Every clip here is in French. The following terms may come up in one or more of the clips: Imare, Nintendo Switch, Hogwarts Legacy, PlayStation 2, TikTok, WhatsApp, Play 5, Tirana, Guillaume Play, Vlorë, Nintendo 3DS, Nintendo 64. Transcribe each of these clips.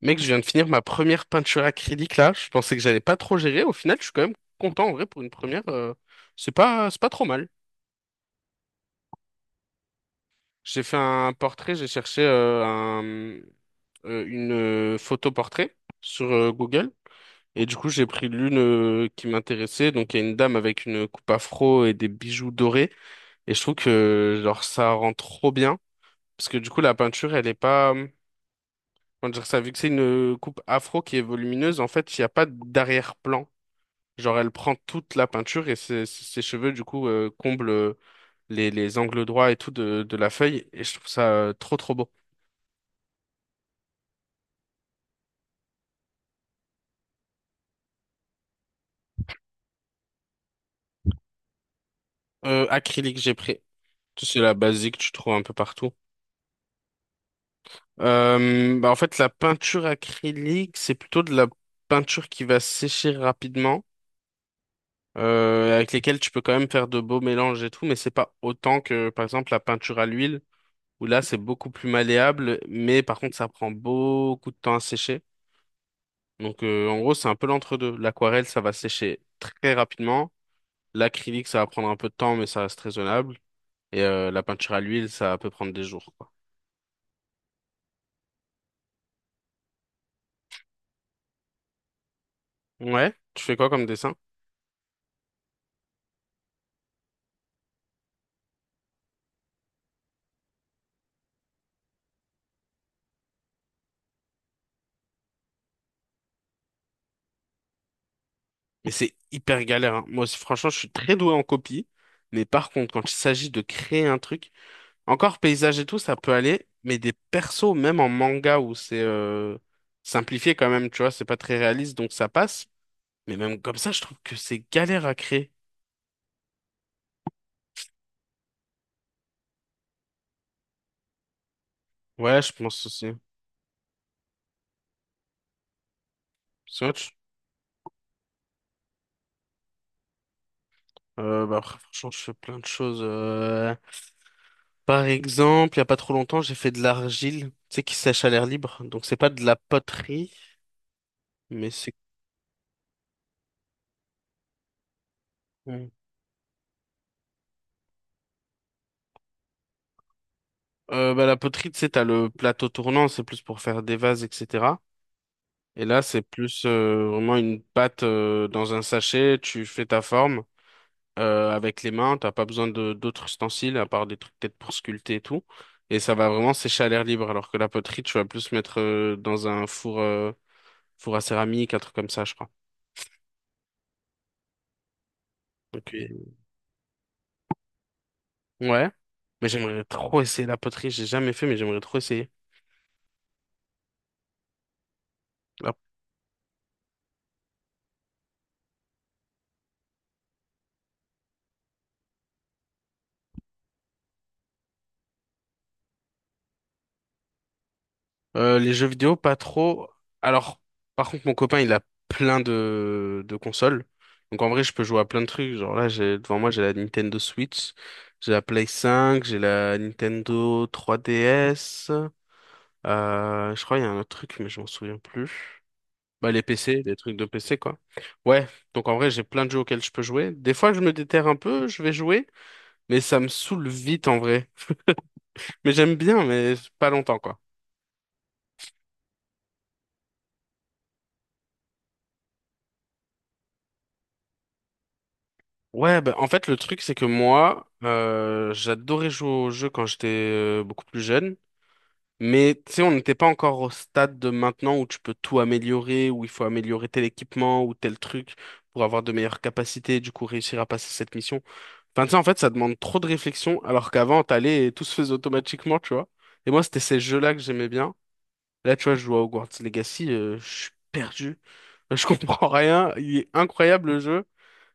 Mec, je viens de finir ma première peinture acrylique là. Je pensais que j'allais pas trop gérer. Au final, je suis quand même content en vrai pour une première. C'est pas, c'est pas trop mal. J'ai fait un portrait. J'ai cherché un, une photo portrait sur Google. Et du coup, j'ai pris l'une qui m'intéressait. Donc, il y a une dame avec une coupe afro et des bijoux dorés. Et je trouve que genre ça rend trop bien. Parce que du coup, la peinture, elle est pas. Comment dire ça? Vu que c'est une coupe afro qui est volumineuse, en fait, il n'y a pas d'arrière-plan. Genre, elle prend toute la peinture et ses cheveux, du coup, comblent les angles droits et tout de la feuille. Et je trouve ça trop beau. Acrylique, j'ai pris. C'est la basique, tu trouves un peu partout. En fait, la peinture acrylique, c'est plutôt de la peinture qui va sécher rapidement, avec lesquelles tu peux quand même faire de beaux mélanges et tout, mais c'est pas autant que, par exemple, la peinture à l'huile, où là, c'est beaucoup plus malléable, mais par contre, ça prend beaucoup de temps à sécher. Donc en gros, c'est un peu l'entre-deux. L'aquarelle, ça va sécher très rapidement. L'acrylique, ça va prendre un peu de temps, mais ça reste raisonnable. Et la peinture à l'huile, ça peut prendre des jours, quoi. Ouais, tu fais quoi comme dessin? Mais c'est hyper galère, hein. Moi aussi, franchement, je suis très doué en copie. Mais par contre, quand il s'agit de créer un truc, encore paysage et tout, ça peut aller. Mais des persos, même en manga où c'est simplifié quand même, tu vois, c'est pas très réaliste, donc ça passe. Mais même comme ça, je trouve que c'est galère à créer. Ouais, je pense aussi. C'est vrai. Bah après, franchement, je fais plein de choses. Par exemple, il y a pas trop longtemps, j'ai fait de l'argile, tu sais, qui sèche à l'air libre. Donc, c'est pas de la poterie, mais c'est... Mm. La poterie, tu sais, t'as le plateau tournant, c'est plus pour faire des vases, etc. Et là, c'est plus vraiment une pâte dans un sachet, tu fais ta forme avec les mains, t'as pas besoin de d'autres ustensiles, à part des trucs peut-être pour sculpter et tout. Et ça va vraiment sécher à l'air libre, alors que la poterie, tu vas plus mettre dans un four... four à céramique, un truc comme ça, je crois. Ok. Ouais. Mais j'aimerais trop essayer la poterie. J'ai jamais fait, mais j'aimerais trop essayer. Là. Les jeux vidéo, pas trop. Alors, par contre, mon copain, il a plein de consoles. Donc en vrai, je peux jouer à plein de trucs. Genre là, j'ai devant moi, j'ai la Nintendo Switch, j'ai la Play 5, j'ai la Nintendo 3DS. Je crois il y a un autre truc, mais je m'en souviens plus. Bah les PC, les trucs de PC quoi. Ouais. Donc en vrai, j'ai plein de jeux auxquels je peux jouer. Des fois, je me déterre un peu, je vais jouer, mais ça me saoule vite en vrai. Mais j'aime bien, mais pas longtemps, quoi. Ouais, bah, en fait, le truc, c'est que moi, j'adorais jouer aux jeux quand j'étais beaucoup plus jeune. Mais, tu sais, on n'était pas encore au stade de maintenant où tu peux tout améliorer, où il faut améliorer tel équipement ou tel truc pour avoir de meilleures capacités, et du coup réussir à passer cette mission. Enfin, tu sais, en fait, ça demande trop de réflexion, alors qu'avant, t'allais et tout se faisait automatiquement, tu vois. Et moi, c'était ces jeux-là que j'aimais bien. Là, tu vois, je joue à Hogwarts Legacy, je suis perdu. Je comprends rien. Il est incroyable, le jeu.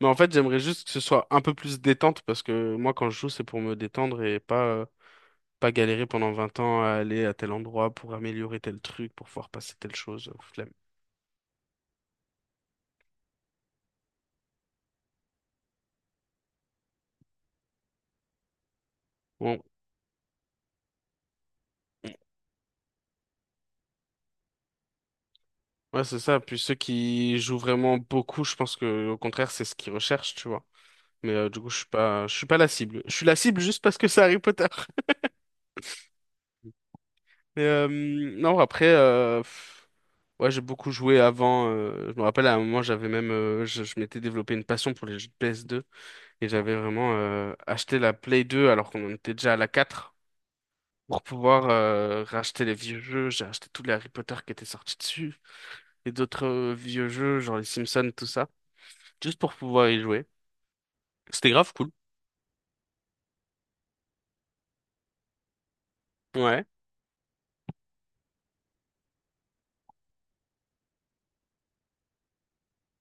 Mais en fait, j'aimerais juste que ce soit un peu plus détente parce que moi, quand je joue, c'est pour me détendre et pas galérer pendant 20 ans à aller à tel endroit pour améliorer tel truc, pour pouvoir passer telle chose. Flemme. Bon, ouais, c'est ça. Puis ceux qui jouent vraiment beaucoup, je pense que au contraire, c'est ce qu'ils recherchent, tu vois. Mais du coup, je suis pas la cible. Je suis la cible juste parce que c'est Harry Potter. Mais non, après, pff, ouais, j'ai beaucoup joué avant. Je me rappelle à un moment, j'avais même, je m'étais développé une passion pour les jeux de PS2. Et j'avais vraiment acheté la Play 2 alors qu'on en était déjà à la 4 pour pouvoir racheter les vieux jeux. J'ai acheté tous les Harry Potter qui étaient sortis dessus et d'autres vieux jeux, genre les Simpsons, tout ça, juste pour pouvoir y jouer. C'était grave cool. Ouais,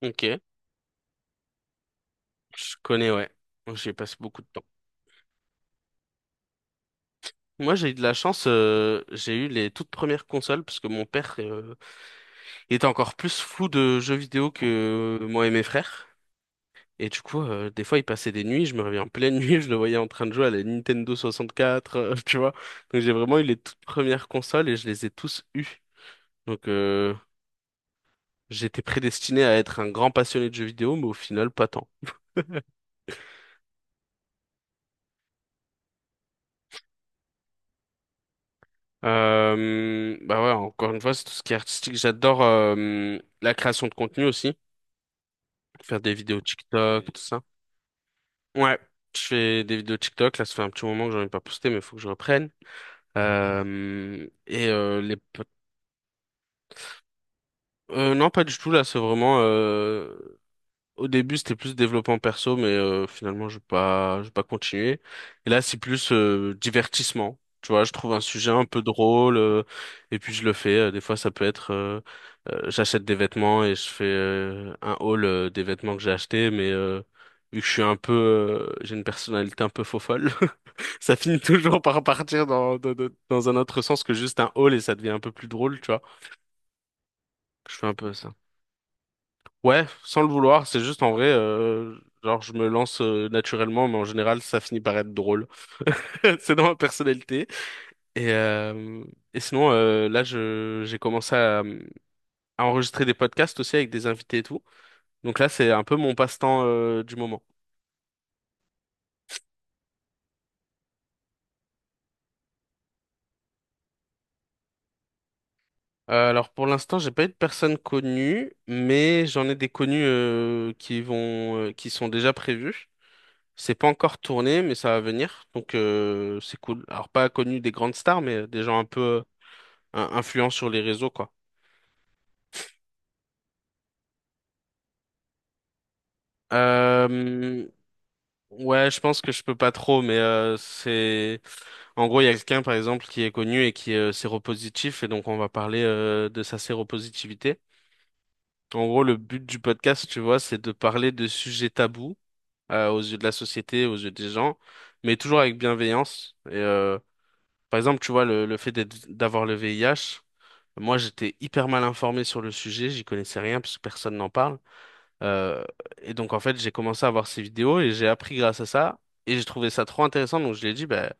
ok. Je connais, ouais. J'y ai passé beaucoup de temps. Moi, j'ai eu de la chance, j'ai eu les toutes premières consoles parce que mon père était encore plus fou de jeux vidéo que moi et mes frères. Et du coup, des fois, il passait des nuits, je me réveillais en pleine nuit, je le voyais en train de jouer à la Nintendo 64, tu vois. Donc j'ai vraiment eu les toutes premières consoles et je les ai tous eues. Donc j'étais prédestiné à être un grand passionné de jeux vidéo, mais au final, pas tant. Bah ouais, encore une fois, c'est tout ce qui est artistique. J'adore la création de contenu aussi, faire des vidéos TikTok, tout ça. Ouais, je fais des vidéos TikTok, là, ça fait un petit moment que j'en ai pas posté, mais il faut que je reprenne. Les non, pas du tout, là, c'est vraiment... Au début, c'était plus développement perso, mais finalement, je vais pas continuer. Et là, c'est plus divertissement. Tu vois, je trouve un sujet un peu drôle, et puis je le fais. Des fois, ça peut être... j'achète des vêtements et je fais un haul des vêtements que j'ai achetés, mais vu que je suis un peu... j'ai une personnalité un peu faux-folle, ça finit toujours par partir dans un autre sens que juste un haul, et ça devient un peu plus drôle, tu vois. Je fais un peu ça. Ouais, sans le vouloir, c'est juste en vrai, genre je me lance naturellement, mais en général ça finit par être drôle. C'est dans ma personnalité. Et, euh, et sinon, là je j'ai commencé à enregistrer des podcasts aussi avec des invités et tout. Donc là c'est un peu mon passe-temps du moment. Alors pour l'instant j'ai pas eu de personnes connues, mais j'en ai des connus qui sont déjà prévus. C'est pas encore tourné, mais ça va venir, donc c'est cool. Alors pas connu des grandes stars, mais des gens un peu influent sur les réseaux, quoi. Euh, ouais, je pense que je peux pas trop, mais c'est... En gros, il y a quelqu'un, par exemple, qui est connu et qui est séropositif, et donc on va parler de sa séropositivité. En gros, le but du podcast, tu vois, c'est de parler de sujets tabous aux yeux de la société, aux yeux des gens, mais toujours avec bienveillance. Par exemple, tu vois, le fait d'avoir le VIH, moi, j'étais hyper mal informé sur le sujet, j'y connaissais rien parce que personne n'en parle. Euh, et donc en fait, j'ai commencé à voir ces vidéos et j'ai appris grâce à ça. Et j'ai trouvé ça trop intéressant. Donc je l'ai dit, bah,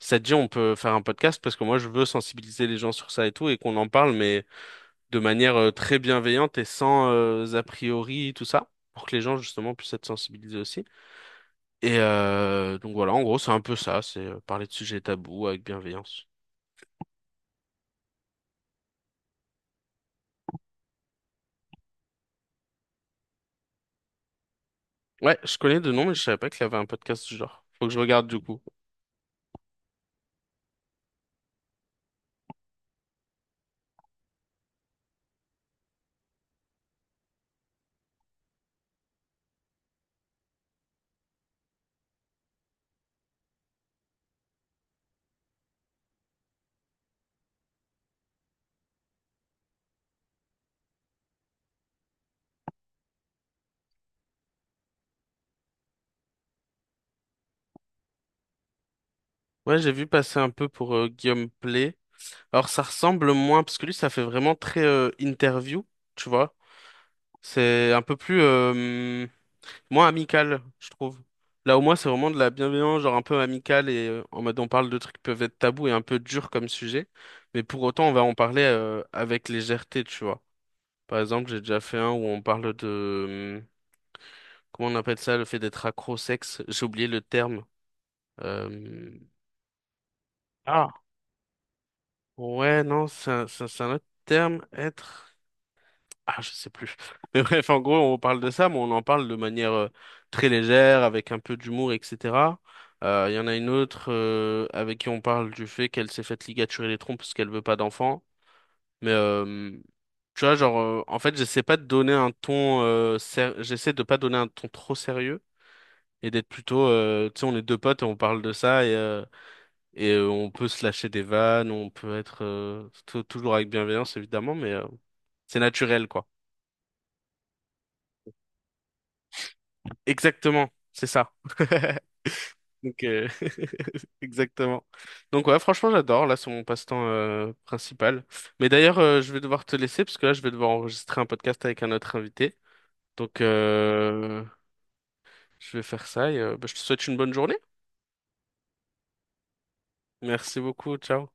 si ça te dit, on peut faire un podcast parce que moi, je veux sensibiliser les gens sur ça et tout et qu'on en parle, mais de manière très bienveillante et sans a priori, tout ça, pour que les gens justement puissent être sensibilisés aussi. Et donc voilà, en gros, c'est un peu ça, c'est parler de sujets tabous avec bienveillance. Ouais, je connais de nom, mais je savais pas qu'il y avait un podcast du genre. Faut que je regarde du coup. Ouais, j'ai vu passer un peu pour Guillaume Play. Alors ça ressemble moins, parce que lui ça fait vraiment très interview, tu vois. C'est un peu plus moins amical, je trouve. Là au moins c'est vraiment de la bienveillance, genre un peu amicale et en mode on parle de trucs qui peuvent être tabous et un peu durs comme sujet, mais pour autant on va en parler avec légèreté, tu vois. Par exemple j'ai déjà fait un où on parle de... Comment on appelle ça, le fait d'être accro-sexe? Au sexe, j'ai oublié le terme. Euh, Ah. Ouais, non, c'est un autre terme, être. Ah, je sais plus. Mais bref, en gros, on parle de ça, mais on en parle de manière très légère, avec un peu d'humour, etc. Il y en a une autre avec qui on parle du fait qu'elle s'est faite ligaturer les trompes parce qu'elle veut pas d'enfant. Mais tu vois, genre, en fait, j'essaie pas de donner un ton, j'essaie de pas donner un ton trop sérieux et d'être plutôt, tu sais, on est deux potes et on parle de ça et on peut se lâcher des vannes, on peut être toujours avec bienveillance évidemment, mais c'est naturel, quoi. Exactement, c'est ça. Donc, exactement. Donc, ouais, franchement, j'adore. Là, c'est mon passe-temps principal. Mais d'ailleurs, je vais devoir te laisser parce que là, je vais devoir enregistrer un podcast avec un autre invité. Donc, je vais faire ça et bah, je te souhaite une bonne journée. Merci beaucoup. Ciao.